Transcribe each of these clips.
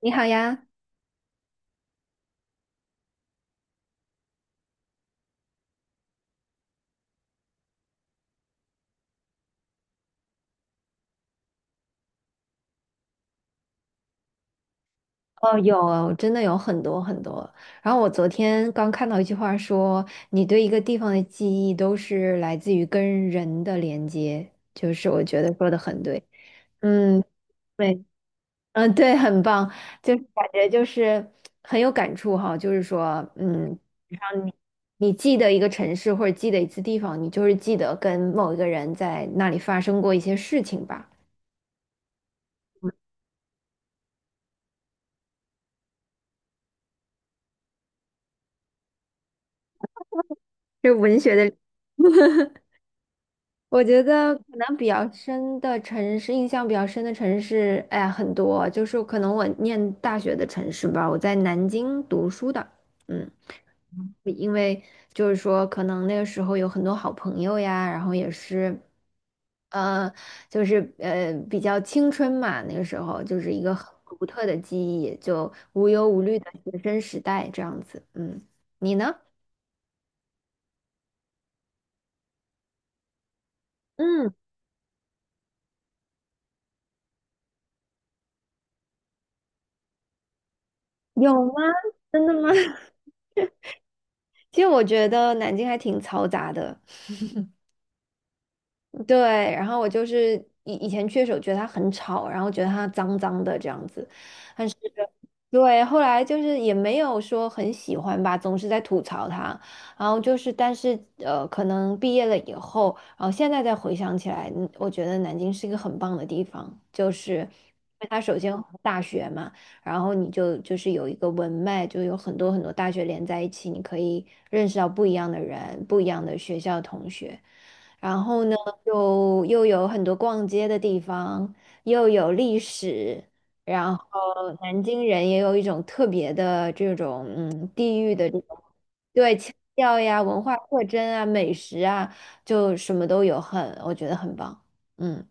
你好呀，哦，有，真的有很多很多。然后我昨天刚看到一句话说，你对一个地方的记忆都是来自于跟人的连接，就是我觉得说的很对。嗯，对，嗯，对，很棒，就是感觉就是很有感触哈，就是说，让你你记得一个城市或者记得一次地方，你就是记得跟某一个人在那里发生过一些事情吧，就是文学的。我觉得可能比较深的城市，印象比较深的城市，哎呀，很多，就是可能我念大学的城市吧，我在南京读书的，嗯，因为就是说，可能那个时候有很多好朋友呀，然后也是，呃，就是比较青春嘛，那个时候就是一个很独特的记忆，就无忧无虑的学生时代这样子，嗯，你呢？嗯，有吗？真的吗？其实我觉得南京还挺嘈杂的。对，然后我就是以前去的时候觉得它很吵，然后觉得它脏脏的这样子，但是对，后来就是也没有说很喜欢吧，总是在吐槽它。然后就是，但是可能毕业了以后，然后现在再回想起来，我觉得南京是一个很棒的地方，就是因为它首先有大学嘛，然后你就是有一个文脉，就有很多很多大学连在一起，你可以认识到不一样的人，不一样的学校同学。然后呢，又有很多逛街的地方，又有历史，然后南京人也有一种特别的这种地域的这种对腔调呀、文化特征啊、美食啊，就什么都有很，我觉得很棒。嗯。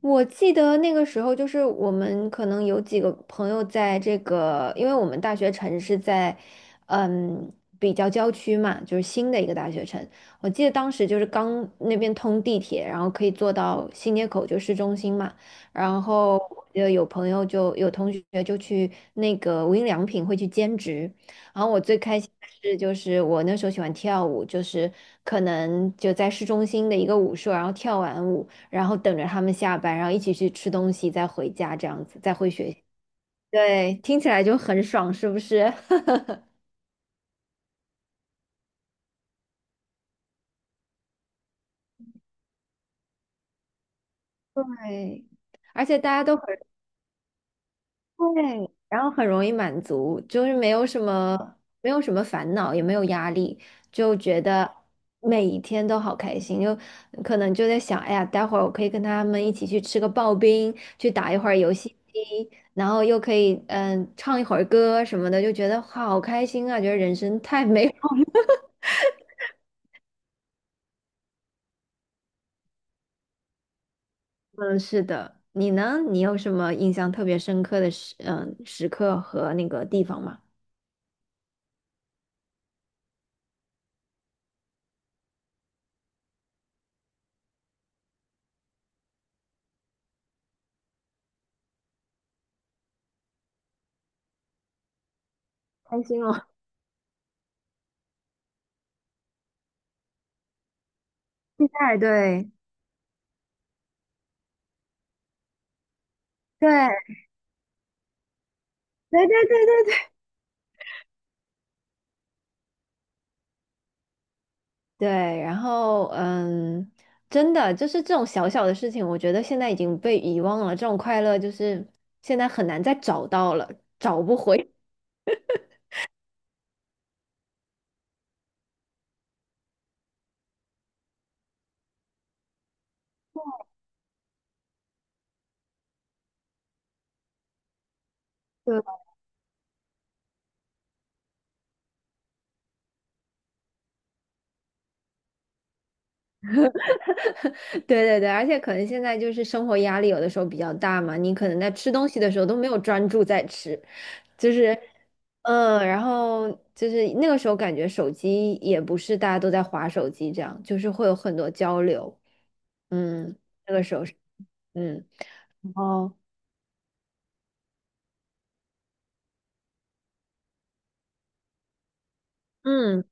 我记得那个时候，就是我们可能有几个朋友在这个，因为我们大学城是在，嗯，比较郊区嘛，就是新的一个大学城。我记得当时就是刚那边通地铁，然后可以坐到新街口，就市中心嘛。然后我记得有朋友就有同学就去那个无印良品会去兼职。然后我最开心的是，就是我那时候喜欢跳舞，就是可能就在市中心的一个舞社，然后跳完舞。然后等着他们下班，然后一起去吃东西，再回家，这样子，再回学校。对，听起来就很爽，是不是？对，而且大家都很。对，然后很容易满足，就是没有什么烦恼，也没有压力，就觉得每一天都好开心。就可能就在想，哎呀，待会儿我可以跟他们一起去吃个刨冰，去打一会儿游戏机，然后又可以唱一会儿歌什么的，就觉得好开心啊！觉得人生太美。嗯，是的。你呢？你有什么印象特别深刻的时刻和那个地方吗？开心哦，期待，对。对对对对对对，对，然后真的就是这种小小的事情，我觉得现在已经被遗忘了。这种快乐就是现在很难再找到了，找不回。对。对对对，而且可能现在就是生活压力有的时候比较大嘛，你可能在吃东西的时候都没有专注在吃，就是然后就是那个时候感觉手机也不是大家都在划手机这样，就是会有很多交流，嗯嗯，然后嗯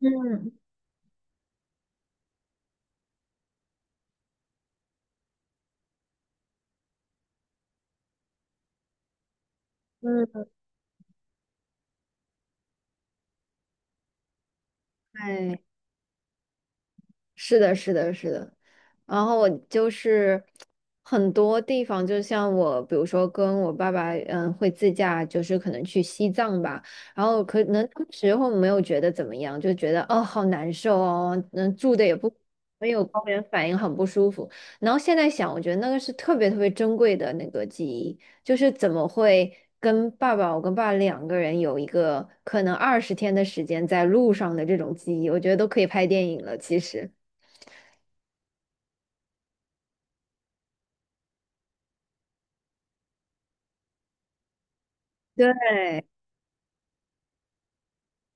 嗯嗯，对。是的，是的，是的。然后我就是很多地方，就像我，比如说跟我爸爸，会自驾，就是可能去西藏吧。然后可能当时候没有觉得怎么样，就觉得哦，好难受哦，能住的也不。没有高原反应，很不舒服。然后现在想，我觉得那个是特别特别珍贵的那个记忆，就是怎么会跟爸爸，我跟爸爸两个人有一个可能20天的时间在路上的这种记忆，我觉得都可以拍电影了，其实。对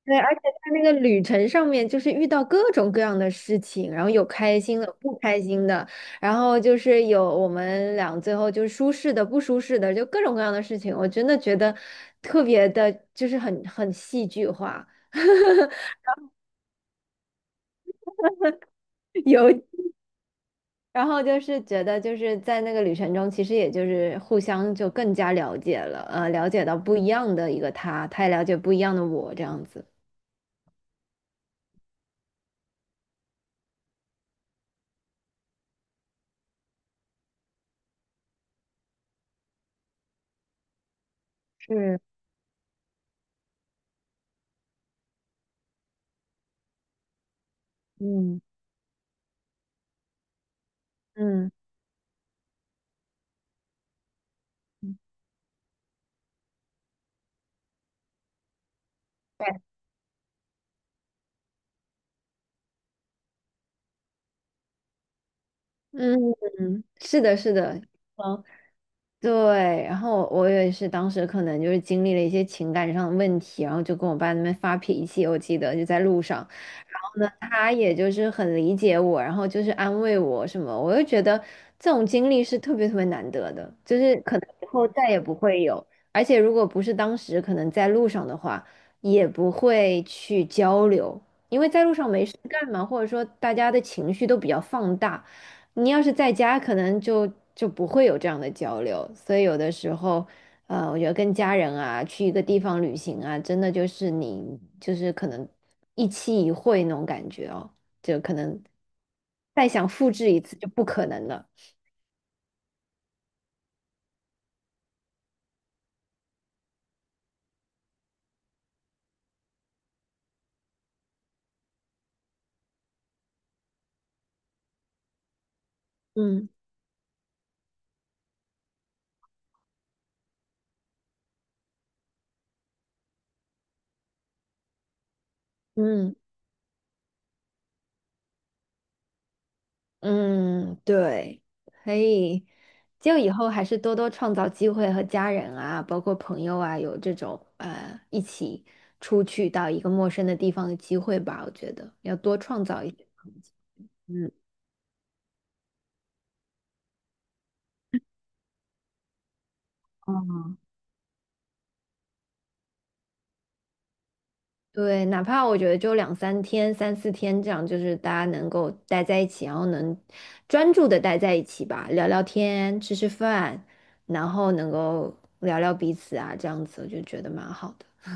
对，而且在那个旅程上面，就是遇到各种各样的事情，然后有开心的、不开心的，然后就是有我们俩最后就是舒适的、不舒适的，就各种各样的事情，我真的觉得特别的，就是很戏剧化。有，然后就是觉得就是在那个旅程中，其实也就是互相就更加了解了，了解到不一样的一个他，他也了解不一样的我，这样子。是，嗯。嗯。嗯，对。嗯，是的，是的，嗯，对。然后我也是当时可能就是经历了一些情感上的问题，然后就跟我爸那边发脾气，我记得就在路上。然后呢，他也就是很理解我，然后就是安慰我什么，我就觉得这种经历是特别特别难得的，就是可能以后再也不会有。而且如果不是当时可能在路上的话，也不会去交流，因为在路上没事干嘛，或者说大家的情绪都比较放大。你要是在家，可能就不会有这样的交流，所以有的时候，我觉得跟家人啊，去一个地方旅行啊，真的就是你就是可能一期一会那种感觉哦，就可能再想复制一次就不可能了。嗯嗯。嗯，对，可以，就以后还是多多创造机会和家人啊，包括朋友啊，有这种一起出去到一个陌生的地方的机会吧。我觉得要多创造一些环境。嗯，对，哪怕我觉得就两三天、三四天这样，就是大家能够待在一起，然后能专注的待在一起吧，聊聊天、吃吃饭，然后能够聊聊彼此啊，这样子我就觉得蛮好的。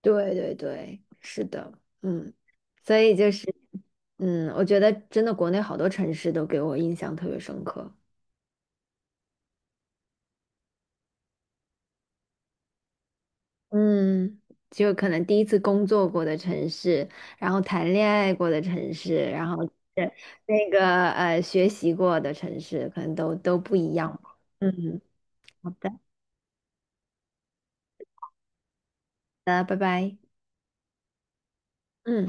对对对，是的，嗯，所以就是，嗯，我觉得真的国内好多城市都给我印象特别深刻，嗯，就可能第一次工作过的城市，然后谈恋爱过的城市，然后是那个学习过的城市，可能都不一样吧。嗯，好的，那拜拜。嗯。